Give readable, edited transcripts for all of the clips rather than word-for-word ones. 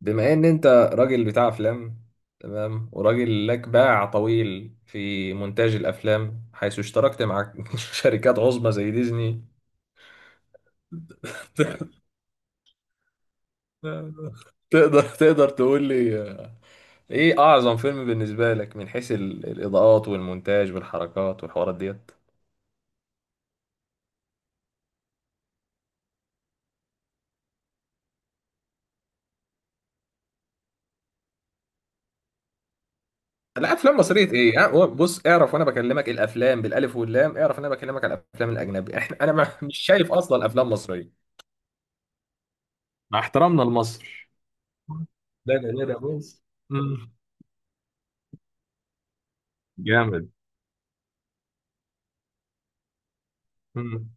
بما ان انت راجل بتاع افلام. تمام، وراجل لك باع طويل في مونتاج الافلام، حيث اشتركت مع شركات عظمى زي ديزني. تقدر تقول لي ايه اعظم فيلم بالنسبه لك من حيث الاضاءات والمونتاج والحركات والحوارات ديت؟ لا، افلام مصريه ايه؟ بص، اعرف وانا بكلمك الافلام بالالف واللام، اعرف ان انا بكلمك على الافلام الاجنبي. احنا انا مش شايف اصلا افلام مصريه، مع احترامنا لمصر. ده بص، جامد. مم.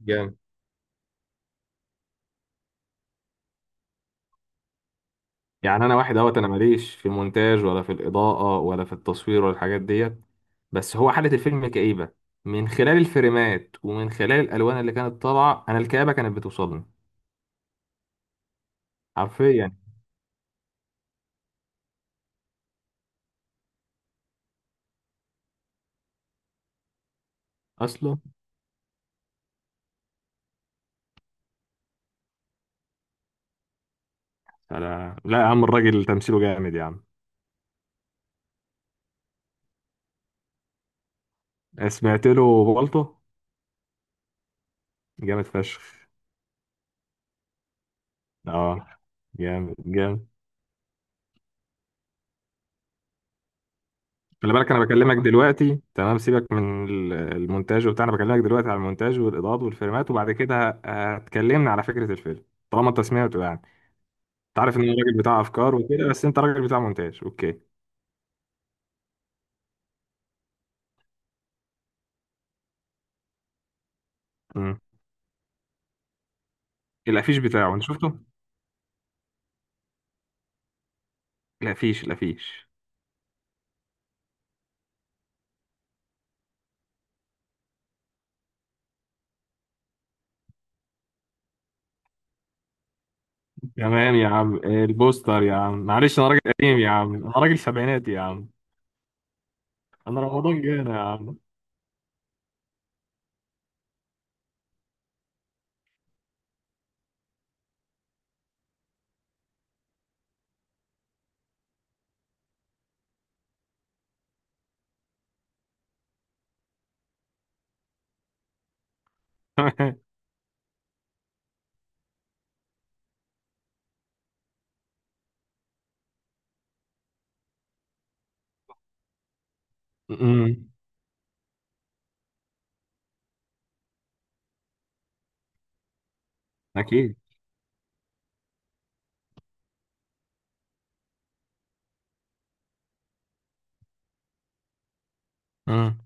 جامد. يعني انا واحد اهوت، انا ماليش في المونتاج ولا في الاضاءه ولا في التصوير ولا الحاجات ديت. بس هو حاله الفيلم كئيبه، من خلال الفريمات ومن خلال الالوان اللي كانت طالعه، انا الكآبه كانت بتوصلني حرفيا. اصلا. لا لا يا عم، الراجل تمثيله جامد يا عم. سمعت له بالطو. جامد فشخ. اه. جامد جامد. خلي بالك، انا بكلمك دلوقتي. تمام، سيبك من المونتاج وبتاع، انا بكلمك دلوقتي على المونتاج والاضاءات والفريمات، وبعد كده اتكلمنا على فكره الفيلم طالما انت سمعته يعني. انت عارف ان انا راجل بتاع افكار وكده، بس انت راجل بتاع مونتاج. اوكي. امم الافيش بتاعه انت شفته؟ الافيش. تمام يا عم، البوستر يا عم، معلش، انا راجل قديم يا عم، انا راجل سبعيناتي يا عم، انا رمضان جانا يا عم. امم اكيد. امم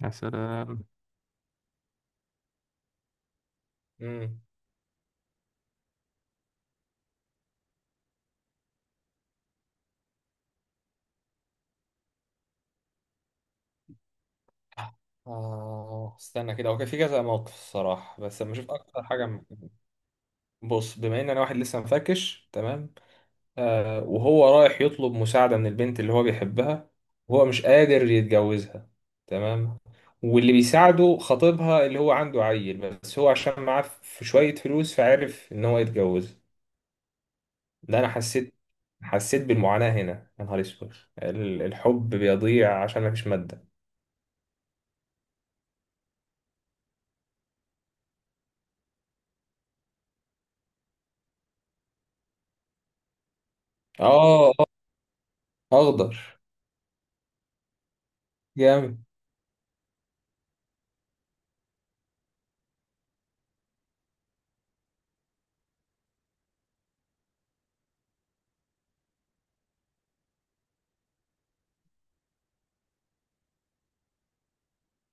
يا سلام. مم. استنى كده، هو كان في كذا موقف الصراحة، بس لما أشوف أكتر حاجة بص، بما إن أنا واحد لسه مفركش. تمام. وهو رايح يطلب مساعدة من البنت اللي هو بيحبها، وهو مش قادر يتجوزها. تمام. واللي بيساعده خطيبها، اللي هو عنده عيل، بس هو عشان معاه في شوية فلوس فعرف إن هو يتجوز. ده أنا حسيت بالمعاناة هنا. يا نهار أسود، الحب بيضيع عشان مفيش مادة. آه آه، أخضر. جامد.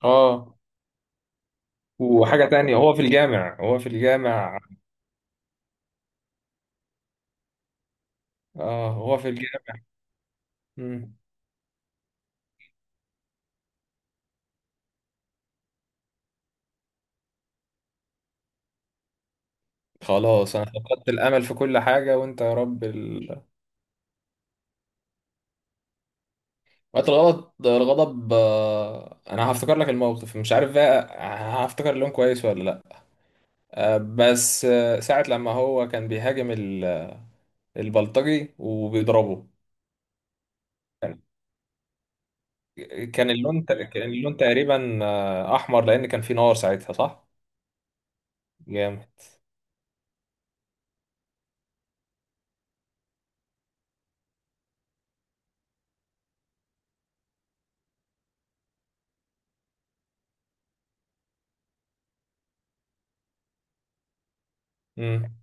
آه وحاجة تانية، هو في الجامع. اه، هو في الجامع. مم. خلاص، انا فقدت الامل في كل حاجة. وانت يا رب وقت الغضب، انا هفتكر لك الموقف، مش عارف بقى، هفتكر اللون كويس ولا لا. بس ساعة لما هو كان بيهاجم البلطجي وبيضربه. كان اللون تقريبا احمر، لان كان في نار ساعتها، صح؟ جامد. مم.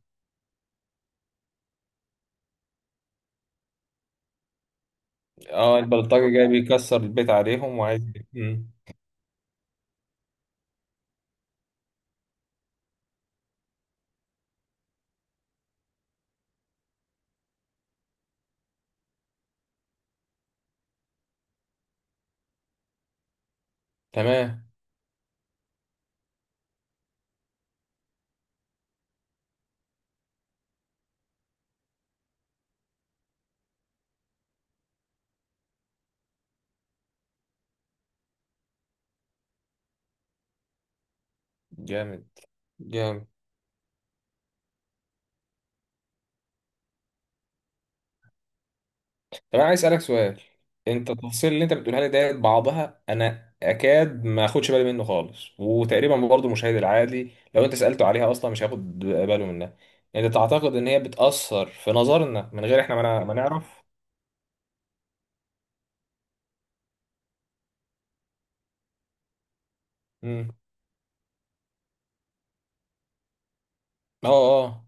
اه، البلطجي جاي بيكسر البيت عليهم وعايز. مم. تمام. جامد جامد. طب انا عايز اسالك سؤال. انت التفاصيل اللي انت بتقولها لي ديت، بعضها انا اكاد ما اخدش بالي منه خالص، وتقريبا برضه المشاهد العادي لو انت سالته عليها اصلا مش هياخد باله منها. انت تعتقد ان هي بتاثر في نظرنا من غير احنا ما نعرف؟ امم. اه. آه.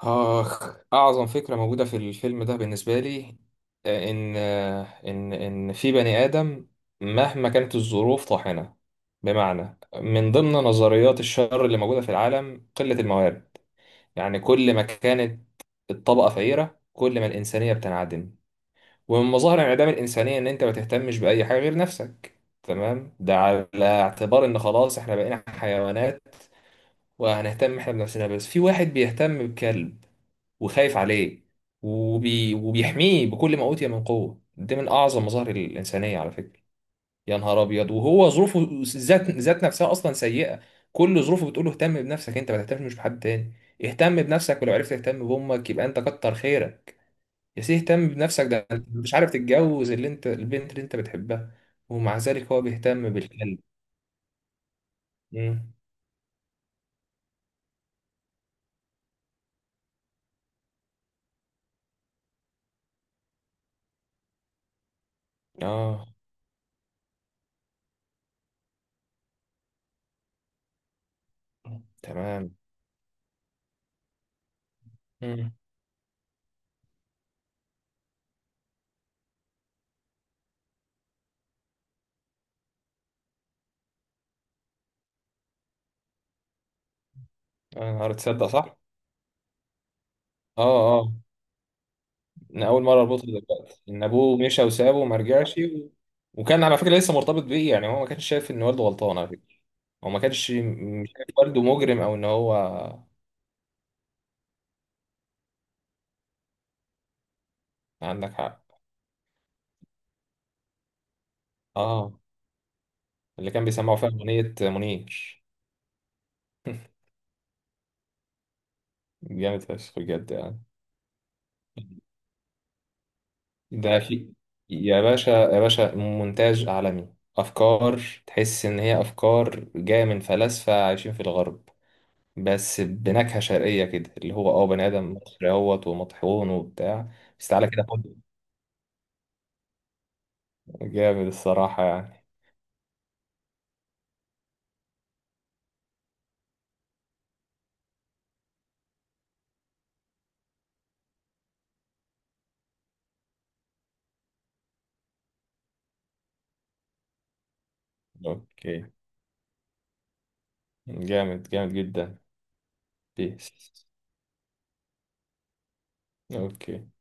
آخ، أعظم فكرة موجودة في الفيلم ده بالنسبة لي، إن إن في بني آدم مهما كانت الظروف طاحنة. بمعنى، من ضمن نظريات الشر اللي موجودة في العالم قلة الموارد. يعني كل ما كانت الطبقة فقيرة، كل ما الإنسانية بتنعدم. ومن مظاهر انعدام الإنسانية إن أنت ما تهتمش بأي حاجة غير نفسك. تمام، ده على اعتبار إن خلاص إحنا بقينا حيوانات، وهنهتم إحنا بنفسنا. بس في واحد بيهتم بكلب، وخايف عليه، وبيحميه بكل ما أوتي من قوة. دي من أعظم مظاهر الإنسانية على فكرة. يا نهار أبيض، وهو ظروفه ذات نفسها أصلا سيئة. كل ظروفه بتقول له اهتم بنفسك، أنت ما تهتمش بحد تاني. اهتم بنفسك، ولو عرفت تهتم بأمك يبقى أنت كتر خيرك. يا سيدي اهتم بنفسك، ده أنت مش عارف تتجوز اللي أنت، البنت اللي أنت بتحبها. ومع ذلك هو بيهتم بالكلب. مم. آه. تمام. مم. آه. أنا تصدق صح؟ آه. آه. أنا أول مرة أربطها دلوقتي، إن أبوه مشى وسابه وما رجعش وكان على فكرة لسه مرتبط بيه يعني، هو ما كانش شايف إن والده غلطان على فكرة. هو ما كانش م- مش شايف والده مجرم، أو إن هو. عندك حق. آه اللي كان بيسمعه فيها أغنية منير. جامد فشخ بجد يعني. ده في، يا باشا يا باشا، مونتاج عالمي، أفكار. تحس إن هي أفكار جاية من فلاسفة عايشين في الغرب، بس بنكهة شرقية كده، اللي هو بني آدم مصري اهوت ومطحون وبتاع. بس تعالى كده خد، جامد الصراحة يعني. اوكي. جامد جامد جدا. بيس. اوكي.